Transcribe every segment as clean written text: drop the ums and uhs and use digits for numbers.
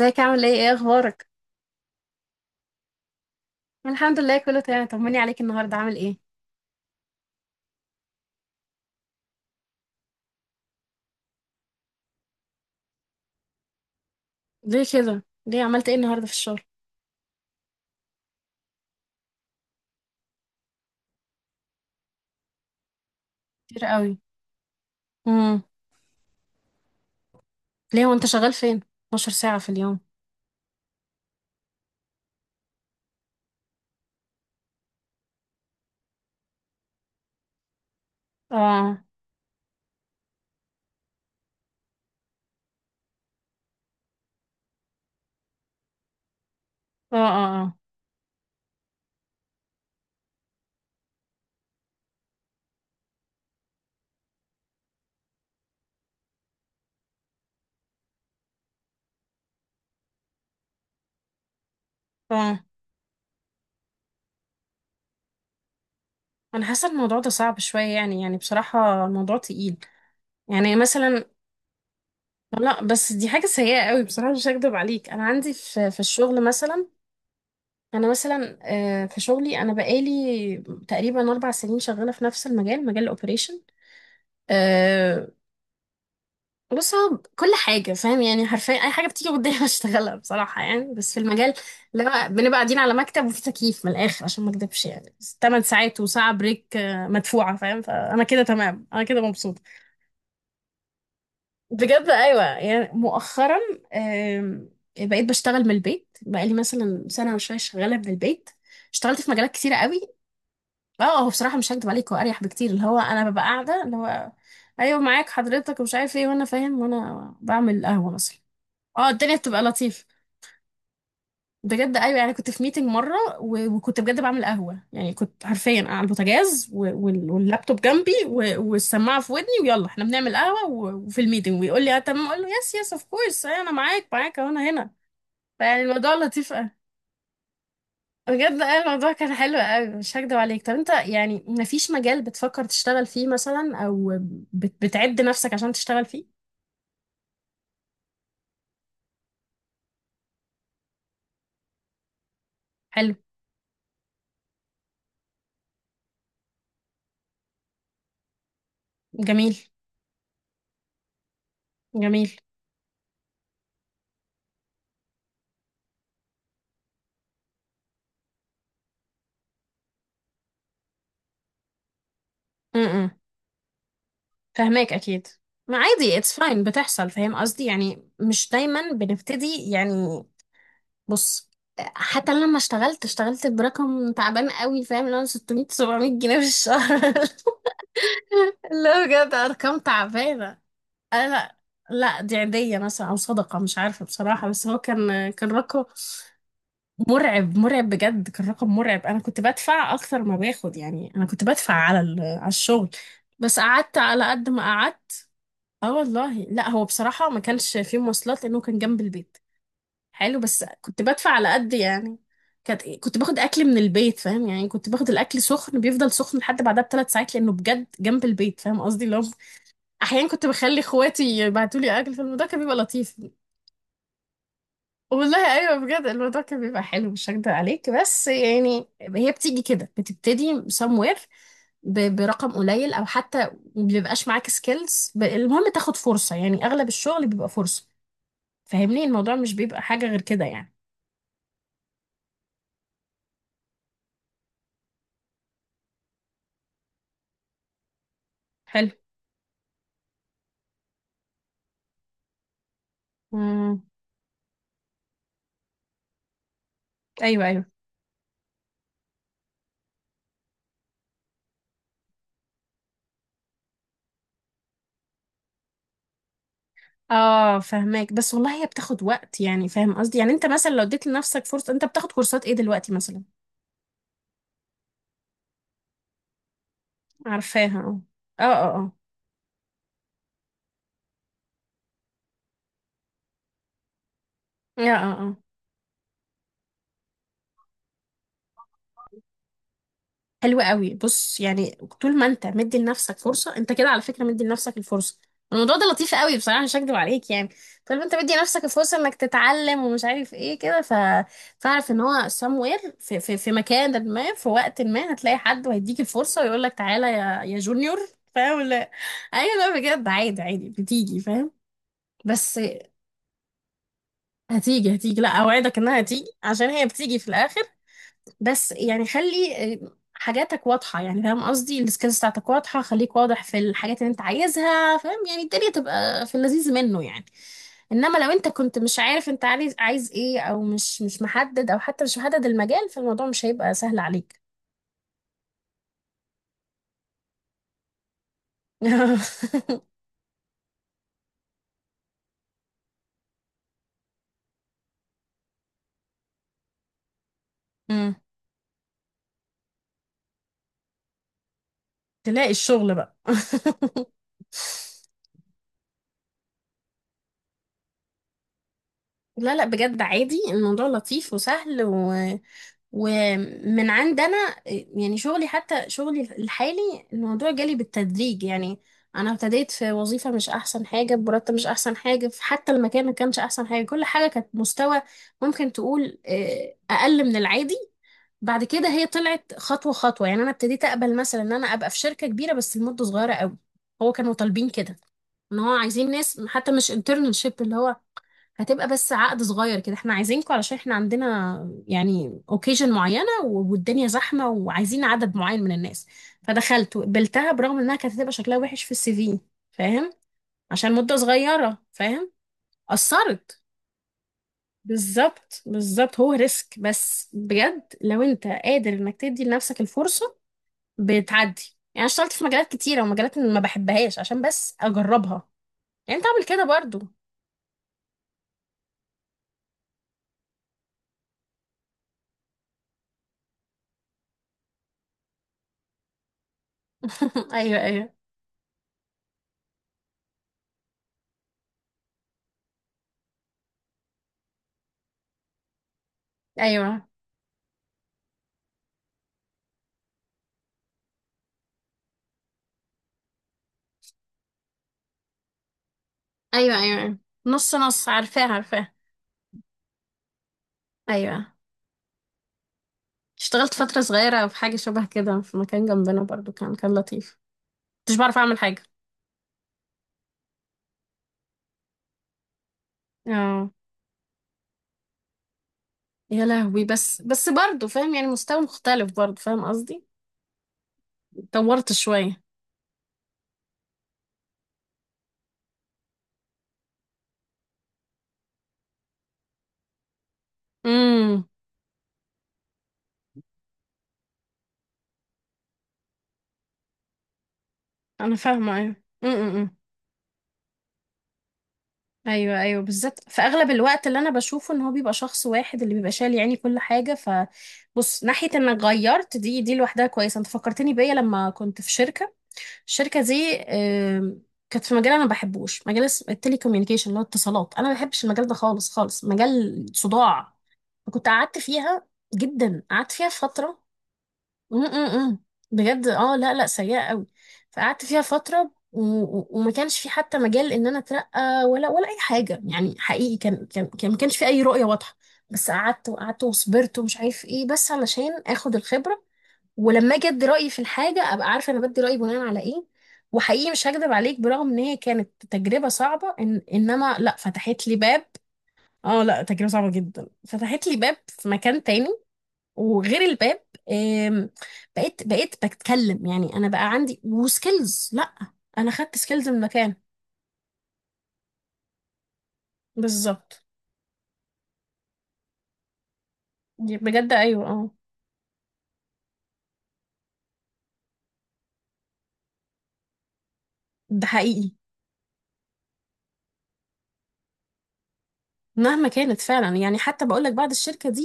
ازيك؟ عامل ايه اخبارك؟ الحمد لله كله تمام. طمني عليك، النهارده عامل ايه؟ ليه كده؟ ليه عملت ايه النهارده في الشغل؟ كتير قوي. امم ليه وانت شغال فين؟ 12 ساعه في اليوم؟ اه، اه، اه. اه، اه، انا حاسه الموضوع ده صعب شويه، يعني بصراحه الموضوع تقيل. يعني مثلا؟ لا، بس دي حاجه سيئه قوي بصراحه، مش هكدب عليك، انا عندي في الشغل مثلا. انا مثلا، في شغلي انا بقالي تقريبا 4 سنين شغاله في نفس المجال، مجال الاوبريشن. آه، بص، هو كل حاجة فاهم، يعني حرفيا أي حاجة بتيجي قدامي بشتغلها بصراحة، يعني بس في المجال. لا، بنبقى قاعدين على مكتب وفي تكييف من الآخر، عشان ما أكدبش، يعني بس 8 ساعات و1 ساعة بريك، مدفوعة، فاهم؟ فأنا كده تمام، أنا كده مبسوطة. بجد أيوة. يعني مؤخرا، آم، بقيت بشتغل من البيت بقالي مثلا سنة وشوية شغالة من البيت. اشتغلت في مجالات كتيرة قوي. اه، هو بصراحة مش هكدب عليك، هو أريح بكتير، اللي هو أنا ببقى قاعدة، اللي هو أيوة معاك حضرتك ومش عارف ايه، وأنا فاهم، وأنا بعمل قهوة مثلا. اه، الدنيا بتبقى لطيفة. بجد ايوه. يعني كنت في ميتنج مره وكنت بجد بعمل قهوه، يعني كنت حرفيا على البوتاجاز واللابتوب جنبي والسماعه في ودني، ويلا احنا بنعمل قهوه وفي الميتنج ويقول لي اه تمام، اقول له يس يس اوف كورس انا معاك، معاك اهو، انا هنا. فيعني الموضوع لطيف قوي. بجد اه، الموضوع كان حلو قوي، مش هكدب عليك. طب انت يعني مفيش مجال بتفكر تشتغل فيه مثلا، او بتعد نفسك عشان تشتغل فيه؟ حلو. جميل. جميل. فهماك، اكيد. ما عادي، اتس فاين، بتحصل، فاهم قصدي؟ يعني مش دايما بنبتدي، يعني بص حتى لما اشتغلت، اشتغلت برقم تعبان قوي، فاهم؟ اللي هو 600، 700 جنيه في الشهر اللي هو بجد ارقام تعبانه. انا لا، لا دي عيدية مثلا او صدقة، مش عارفة بصراحة، بس هو كان رقم مرعب، مرعب بجد، كان رقم مرعب. انا كنت بدفع اكتر ما باخد، يعني انا كنت بدفع على الشغل. بس قعدت على قد ما قعدت. اه والله، لا هو بصراحة ما كانش فيه مواصلات لأنه كان جنب البيت. حلو، بس كنت بدفع على قد، يعني كانت كنت باخد أكل من البيت، فاهم؟ يعني كنت باخد الأكل سخن، بيفضل سخن لحد بعدها ب3 ساعات لأنه بجد جنب البيت، فاهم قصدي؟ لو أحيانا كنت بخلي إخواتي يبعتوا لي أكل، فالموضوع كان بيبقى لطيف. والله أيوه، بجد الموضوع كان بيبقى حلو، مش هكدب عليك. بس يعني هي بتيجي كده، بتبتدي somewhere، برقم قليل او حتى ما بيبقاش معاك سكيلز، المهم تاخد فرصه، يعني اغلب الشغل بيبقى فرصه، فاهمني؟ الموضوع مش بيبقى حاجة غير كده، يعني. حلو. امم ايوه، ايوه. اه فهماك، بس والله هي بتاخد وقت، يعني فاهم قصدي؟ يعني انت مثلا لو اديت لنفسك فرصة. انت بتاخد كورسات ايه دلوقتي مثلا؟ عارفاها. اه، اه، اه. اه، اه، اه. حلو قوي. بص يعني طول ما انت مدي لنفسك فرصه، انت كده على فكره مدي لنفسك الفرصه. الموضوع ده لطيف قوي بصراحه، مش هكدب عليك. يعني طول ما انت مدي نفسك الفرصه انك تتعلم ومش عارف ايه كده، ف فاعرف ان هو somewhere في مكان ما، في وقت ما، هتلاقي حد وهيديك الفرصه ويقول لك تعالى يا جونيور. فاهم ولا؟ ايوه، لا بجد عادي، عادي بتيجي فاهم. بس هتيجي، هتيجي، لا اوعدك انها هتيجي عشان هي بتيجي في الاخر. بس يعني خلي حاجاتك واضحة، يعني فاهم قصدي؟ السكيلز بتاعتك واضحة، خليك واضح في الحاجات اللي انت عايزها، فاهم؟ يعني الدنيا تبقى في اللذيذ منه، يعني انما لو انت كنت مش عارف انت عايز ايه، او مش محدد، او حتى مش محدد المجال، فالموضوع مش هيبقى سهل عليك. مم. تلاقي الشغل بقى. لا لا بجد عادي، الموضوع لطيف وسهل و... ومن عندنا. يعني شغلي، حتى شغلي الحالي، الموضوع جالي بالتدريج، يعني انا ابتديت في وظيفة مش احسن حاجة، بمرتب مش احسن حاجة، في حتى المكان ما كانش احسن حاجة، كل حاجة كانت مستوى ممكن تقول اقل من العادي. بعد كده هي طلعت خطوة خطوة، يعني انا ابتديت اقبل مثلا ان انا ابقى في شركة كبيرة بس لمدة صغيرة قوي. هو كانوا طالبين كده، ان هو عايزين ناس حتى مش internship، اللي هو هتبقى بس عقد صغير كده، احنا عايزينكم علشان احنا عندنا يعني اوكيجن معينة والدنيا زحمة، وعايزين عدد معين من الناس، فدخلت وقبلتها برغم انها كانت هتبقى شكلها وحش في السي في، فاهم؟ عشان مدة صغيرة، فاهم؟ أثرت. بالظبط، بالظبط. هو ريسك بس بجد لو انت قادر انك تدي لنفسك الفرصة، بتعدي. يعني أنا اشتغلت في مجالات كتيرة، ومجالات ما بحبهاش عشان بس اجربها. يعني انت اعمل كده برضو. ايوه، ايوه. ايوه، ايوه. ايوه، نص نص، عارفاه عارفاه. ايوه اشتغلت فترة صغيرة في حاجة شبه كده في مكان جنبنا برضو، كان لطيف. مش بعرف اعمل حاجة. اه، يا لهوي. بس برضو فاهم، يعني مستوى مختلف برضو، فاهم قصدي؟ اتطورت شوية. امم. انا فاهمة، ايوه. امم. ايوه، ايوه، بالذات في اغلب الوقت اللي انا بشوفه ان هو بيبقى شخص واحد اللي بيبقى شايل يعني كل حاجة، ف بص ناحية انك غيرت، دي لوحدها كويسة. انت فكرتني بيا لما كنت في شركة. الشركه دي كانت في مجال انا ما بحبوش، مجال التليكوميونيكيشن، اللي هو اتصالات، انا ما بحبش المجال ده خالص خالص، مجال صداع، فكنت قعدت فيها جدا، قعدت فيها فتره. م -م -م. بجد اه، لا لا سيئه قوي. فقعدت فيها فتره وما كانش في حتى مجال ان انا اترقى ولا اي حاجه. يعني حقيقي، كان ما كانش في اي رؤيه واضحه. بس قعدت وقعدت وصبرت، ومش عارف ايه، بس علشان اخد الخبره ولما اجي ادي رايي في الحاجه ابقى عارفه انا بدي رايي بناء على ايه. وحقيقي مش هكدب عليك، برغم ان هي كانت تجربه صعبه إن انما لا، فتحت لي باب. اه لا، تجربه صعبه جدا فتحت لي باب في مكان تاني. وغير الباب، آم، بقيت بتكلم، يعني انا بقى عندي وسكيلز، لا انا خدت سكيلز من مكان. بالظبط. دي بجد، ايوه، اه. ده حقيقي. مهما كانت فعلا. يعني حتى بقول لك بعد الشركة دي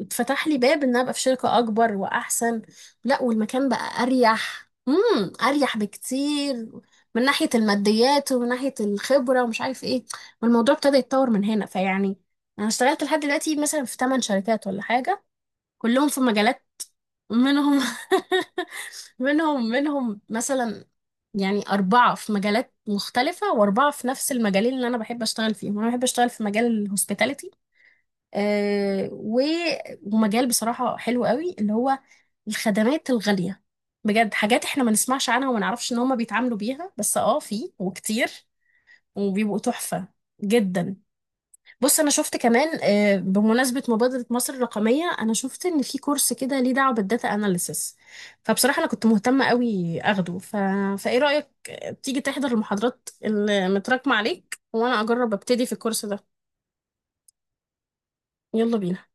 اتفتح لي باب ان ابقى في شركة اكبر واحسن. لا، والمكان بقى اريح، امم، اريح بكتير، من ناحية الماديات، ومن ناحية الخبرة، ومش عارف ايه. والموضوع ابتدى يتطور من هنا. فيعني انا اشتغلت لحد دلوقتي مثلا في 8 شركات ولا حاجة، كلهم في مجالات، منهم منهم مثلا، يعني أربعة في مجالات مختلفة، وأربعة في نفس المجالين اللي أنا بحب أشتغل فيهم. أنا بحب أشتغل في مجال الهوسبيتاليتي، آه، و- ومجال بصراحة حلو قوي، اللي هو الخدمات الغالية. بجد حاجات احنا ما نسمعش عنها وما نعرفش ان هما بيتعاملوا بيها، بس اه في، وكتير، وبيبقوا تحفة جدا. بص، انا شفت كمان بمناسبة مبادرة مصر الرقمية، انا شفت ان في كورس كده ليه دعوة، بالداتا اناليسس، فبصراحة انا كنت مهتمة قوي اخده ف... فايه رأيك تيجي تحضر المحاضرات اللي متراكمة عليك وانا اجرب ابتدي في الكورس ده؟ يلا بينا.